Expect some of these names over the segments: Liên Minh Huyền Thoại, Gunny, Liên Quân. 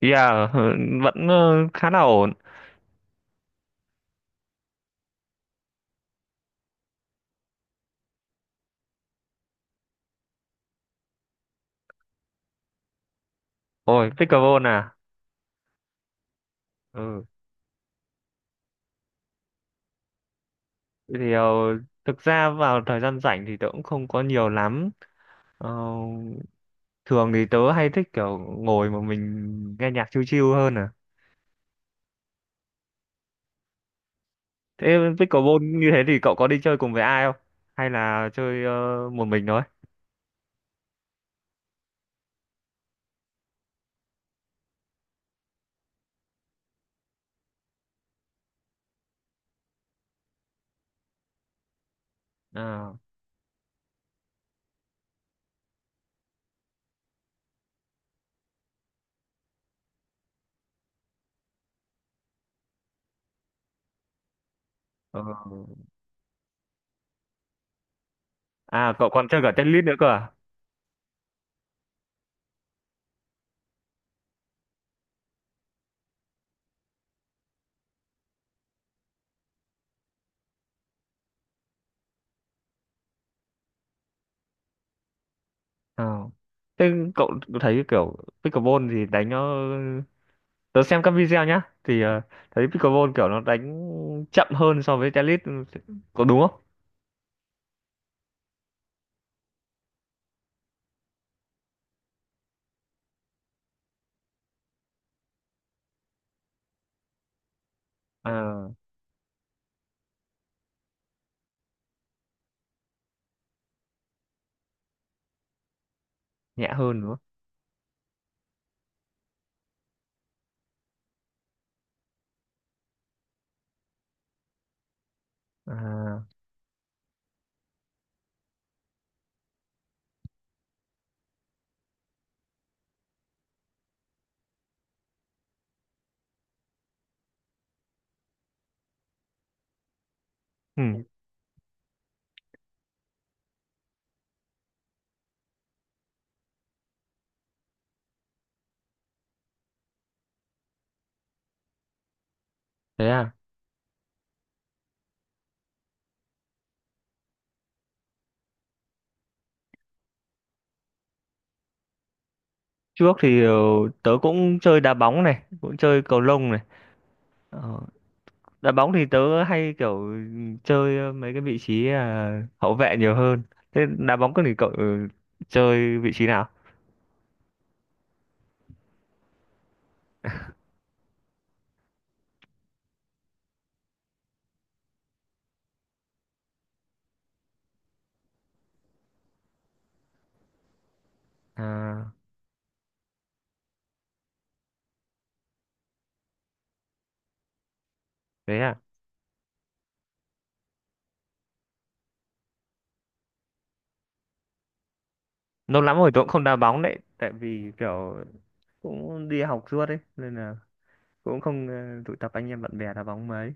Yeah, vẫn khá là ổn. Ôi, pickleball à? Ừ. Thì ờ, Thực ra vào thời gian rảnh thì tớ cũng không có nhiều lắm. Ờ, Thường thì tớ hay thích kiểu ngồi mà mình nghe nhạc chill chill hơn à. Thế pickleball như thế thì cậu có đi chơi cùng với ai không? Hay là chơi một mình thôi? À, ờ. À, cậu còn chơi cả tennis nữa cơ à? Ờ. Thế cậu thấy kiểu pickleball thì đánh nó, tớ xem các video nhá thấy pickleball kiểu nó đánh chậm hơn so với tennis, có đúng không? À, nhẹ hơn đúng không? À, ừ, thế à. Trước thì tớ cũng chơi đá bóng này, cũng chơi cầu lông này. Ờ, đá bóng thì tớ hay kiểu chơi mấy cái vị trí, à, hậu vệ nhiều hơn. Thế đá bóng thì cậu chơi vị trí nào? À, thế à. Lâu lắm rồi tớ cũng không đá bóng đấy, tại vì kiểu cũng đi học suốt ấy, nên là cũng không tụ tập anh em bạn bè đá bóng mấy.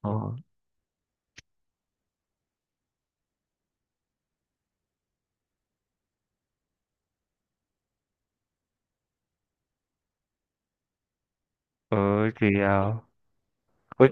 Ờ, ừ, thì ờ, cuối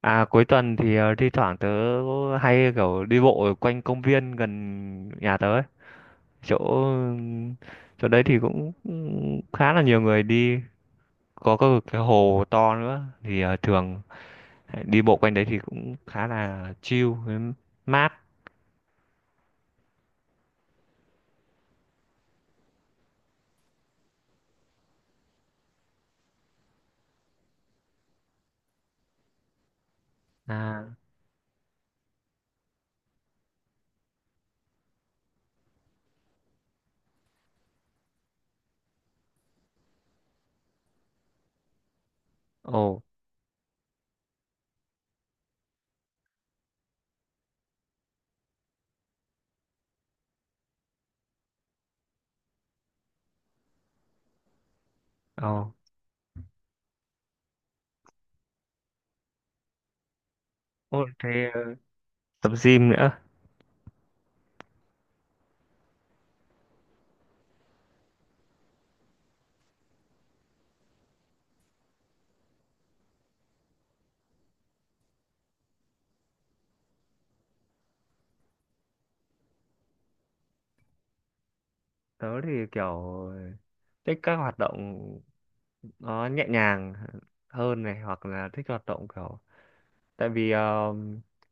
cuối tuần thì thi thoảng tớ hay kiểu đi bộ ở quanh công viên gần nhà tớ ấy. Chỗ chỗ đấy thì cũng cũng khá là nhiều người đi, có cái hồ to nữa thì thường đi bộ quanh đấy thì cũng khá là chill với mát. À, ồ, ồ. Ồ, thế tập gym nữa. Tớ thì kiểu thích các hoạt động nó nhẹ nhàng hơn này, hoặc là thích hoạt động kiểu, tại vì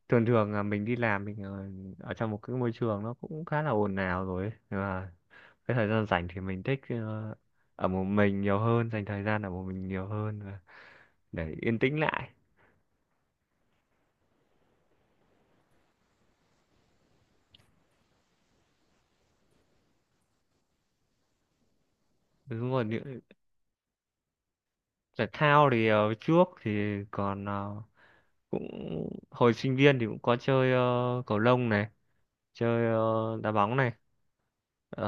thường thường là mình đi làm mình ở, ở trong một cái môi trường nó cũng khá là ồn ào rồi ấy. Nhưng mà cái thời gian rảnh thì mình thích ở một mình nhiều hơn, dành thời gian ở một mình nhiều hơn và để yên tĩnh lại. Đúng rồi. Thể thao thì trước thì còn cũng hồi sinh viên thì cũng có chơi, cầu lông này, chơi đá bóng này. Ờ,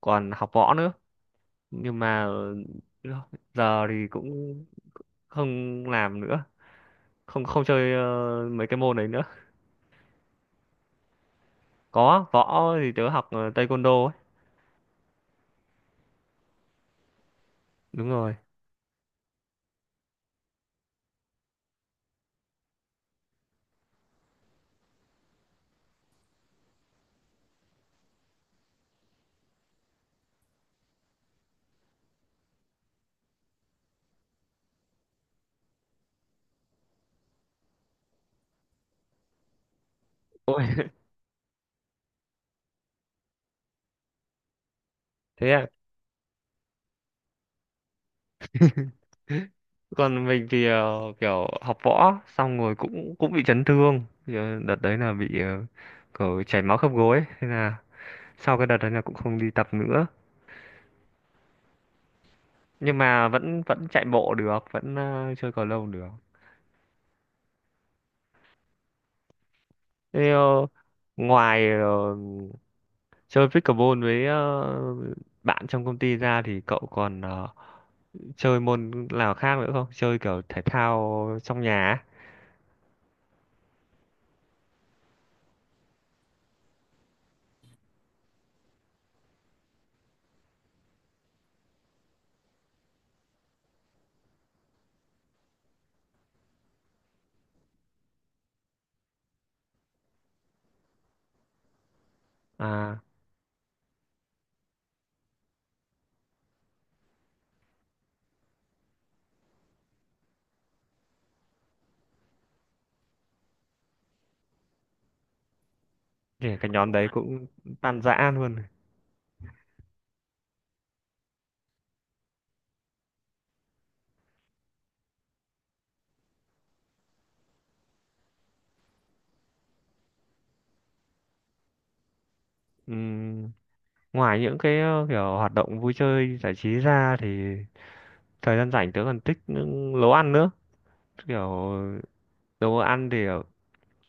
còn học võ nữa, nhưng mà giờ thì cũng không làm nữa, không không chơi mấy cái môn đấy nữa. Có võ thì tớ học taekwondo ấy. Đúng rồi. Ôi. Thế à? Còn mình thì kiểu học võ xong rồi cũng cũng bị chấn thương. Thì, ờ, đợt đấy là bị kiểu chảy máu khớp gối ấy. Thế là sau cái đợt đấy là cũng không đi tập nữa, nhưng mà vẫn vẫn chạy bộ được, vẫn chơi cầu lông được. Thế, ngoài chơi pickleball với bạn trong công ty ra thì cậu còn chơi môn nào khác nữa không? Chơi kiểu thể thao trong nhà á? À, kể cả nhóm đấy cũng tan rã luôn. Ừm, ngoài những cái kiểu hoạt động vui chơi giải trí ra thì thời gian rảnh tớ còn thích những nấu ăn nữa. Kiểu đồ ăn thì ở-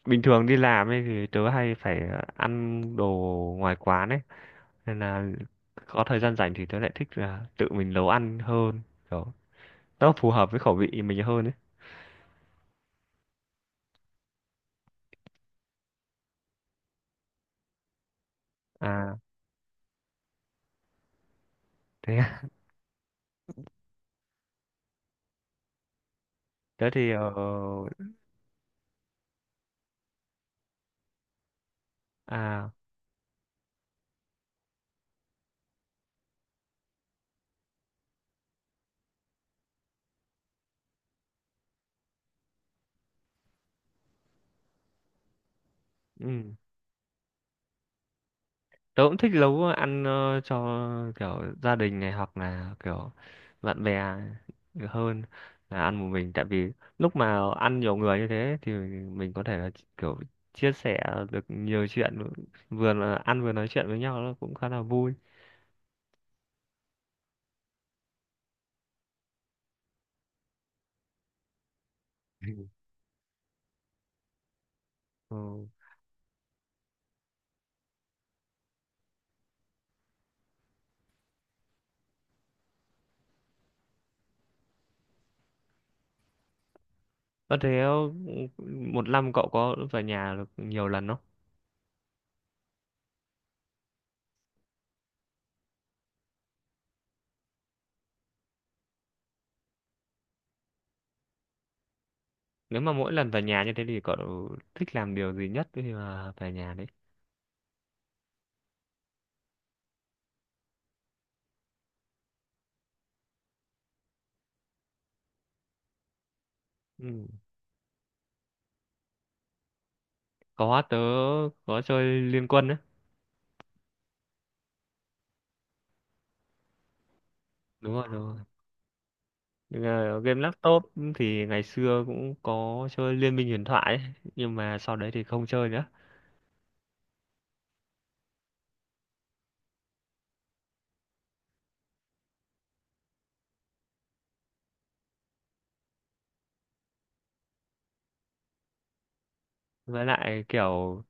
bình thường đi làm ấy thì tớ hay phải ăn đồ ngoài quán ấy, nên là có thời gian rảnh thì tớ lại thích là tự mình nấu ăn hơn. Kiểu nó phù hợp với khẩu vị mình hơn ấy. À. Thế à? thế thì ờ, À. Ừ. Tớ cũng thích nấu ăn cho kiểu gia đình này hoặc là kiểu bạn bè hơn là ăn một mình, tại vì lúc mà ăn nhiều người như thế thì mình có thể là kiểu chia sẻ được nhiều chuyện, vừa là ăn vừa nói chuyện với nhau nó cũng khá là vui. Ừ. Có thế một năm cậu có về nhà được nhiều lần không? Nếu mà mỗi lần về nhà như thế thì cậu thích làm điều gì nhất khi mà về nhà đấy? Ừ. Có, tớ có chơi Liên Quân đấy. Đúng rồi, đúng rồi. Nhưng mà game laptop thì ngày xưa cũng có chơi Liên Minh Huyền Thoại ấy. Nhưng mà sau đấy thì không chơi nữa. Với lại kiểu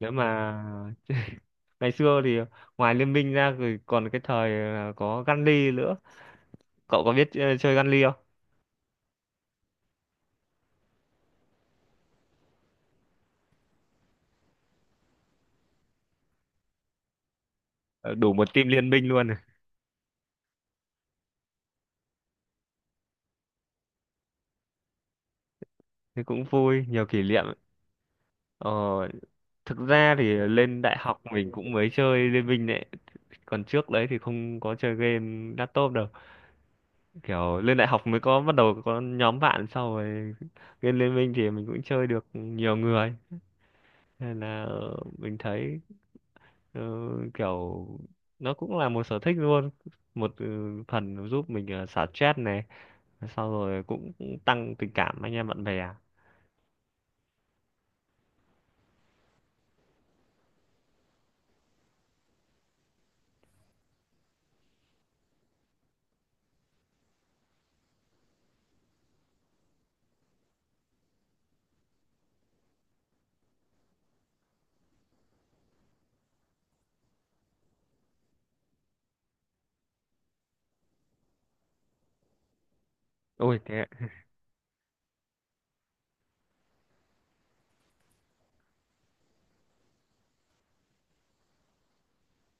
nếu mà ngày xưa thì ngoài Liên Minh ra rồi còn cái thời là có Gunny nữa. Cậu có biết chơi Gunny không? Ờ, đủ một team Liên Minh luôn. Thế cũng vui, nhiều kỷ niệm. Ờ, thực ra thì lên đại học mình cũng mới chơi Liên Minh đấy, còn trước đấy thì không có chơi game laptop đâu, kiểu lên đại học mới có bắt đầu có nhóm bạn sau rồi game Liên Minh thì mình cũng chơi được nhiều người, nên là mình thấy ờ, kiểu nó cũng là một sở thích luôn, một phần giúp mình xả stress này, sau rồi cũng tăng tình cảm anh em bạn bè. Ôi thế ạ.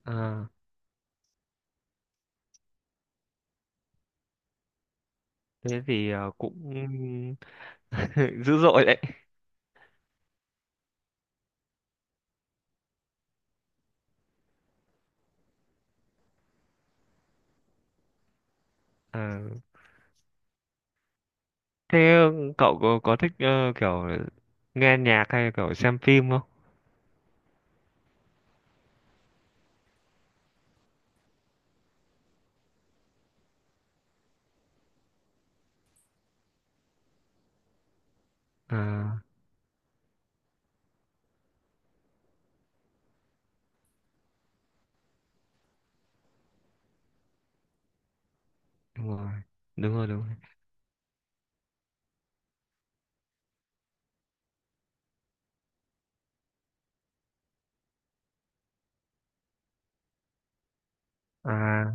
À, cũng dữ dội đấy. Ờ. Thế cậu có thích kiểu nghe nhạc hay kiểu xem phim không? À, đúng rồi, đúng rồi, đúng rồi. À,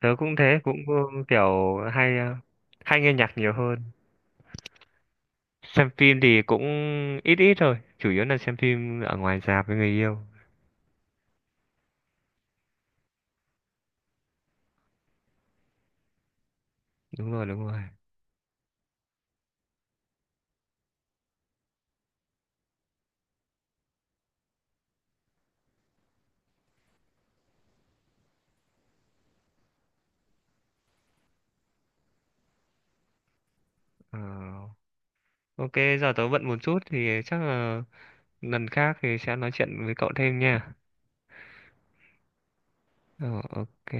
tớ cũng thế, cũng kiểu hay hay nghe nhạc nhiều hơn. Xem phim thì cũng ít ít thôi, chủ yếu là xem phim ở ngoài rạp với người yêu. Đúng rồi, đúng rồi. Ờ, ok, giờ tớ bận một chút thì chắc là lần khác thì sẽ nói chuyện với cậu thêm nha. Ờ, ok.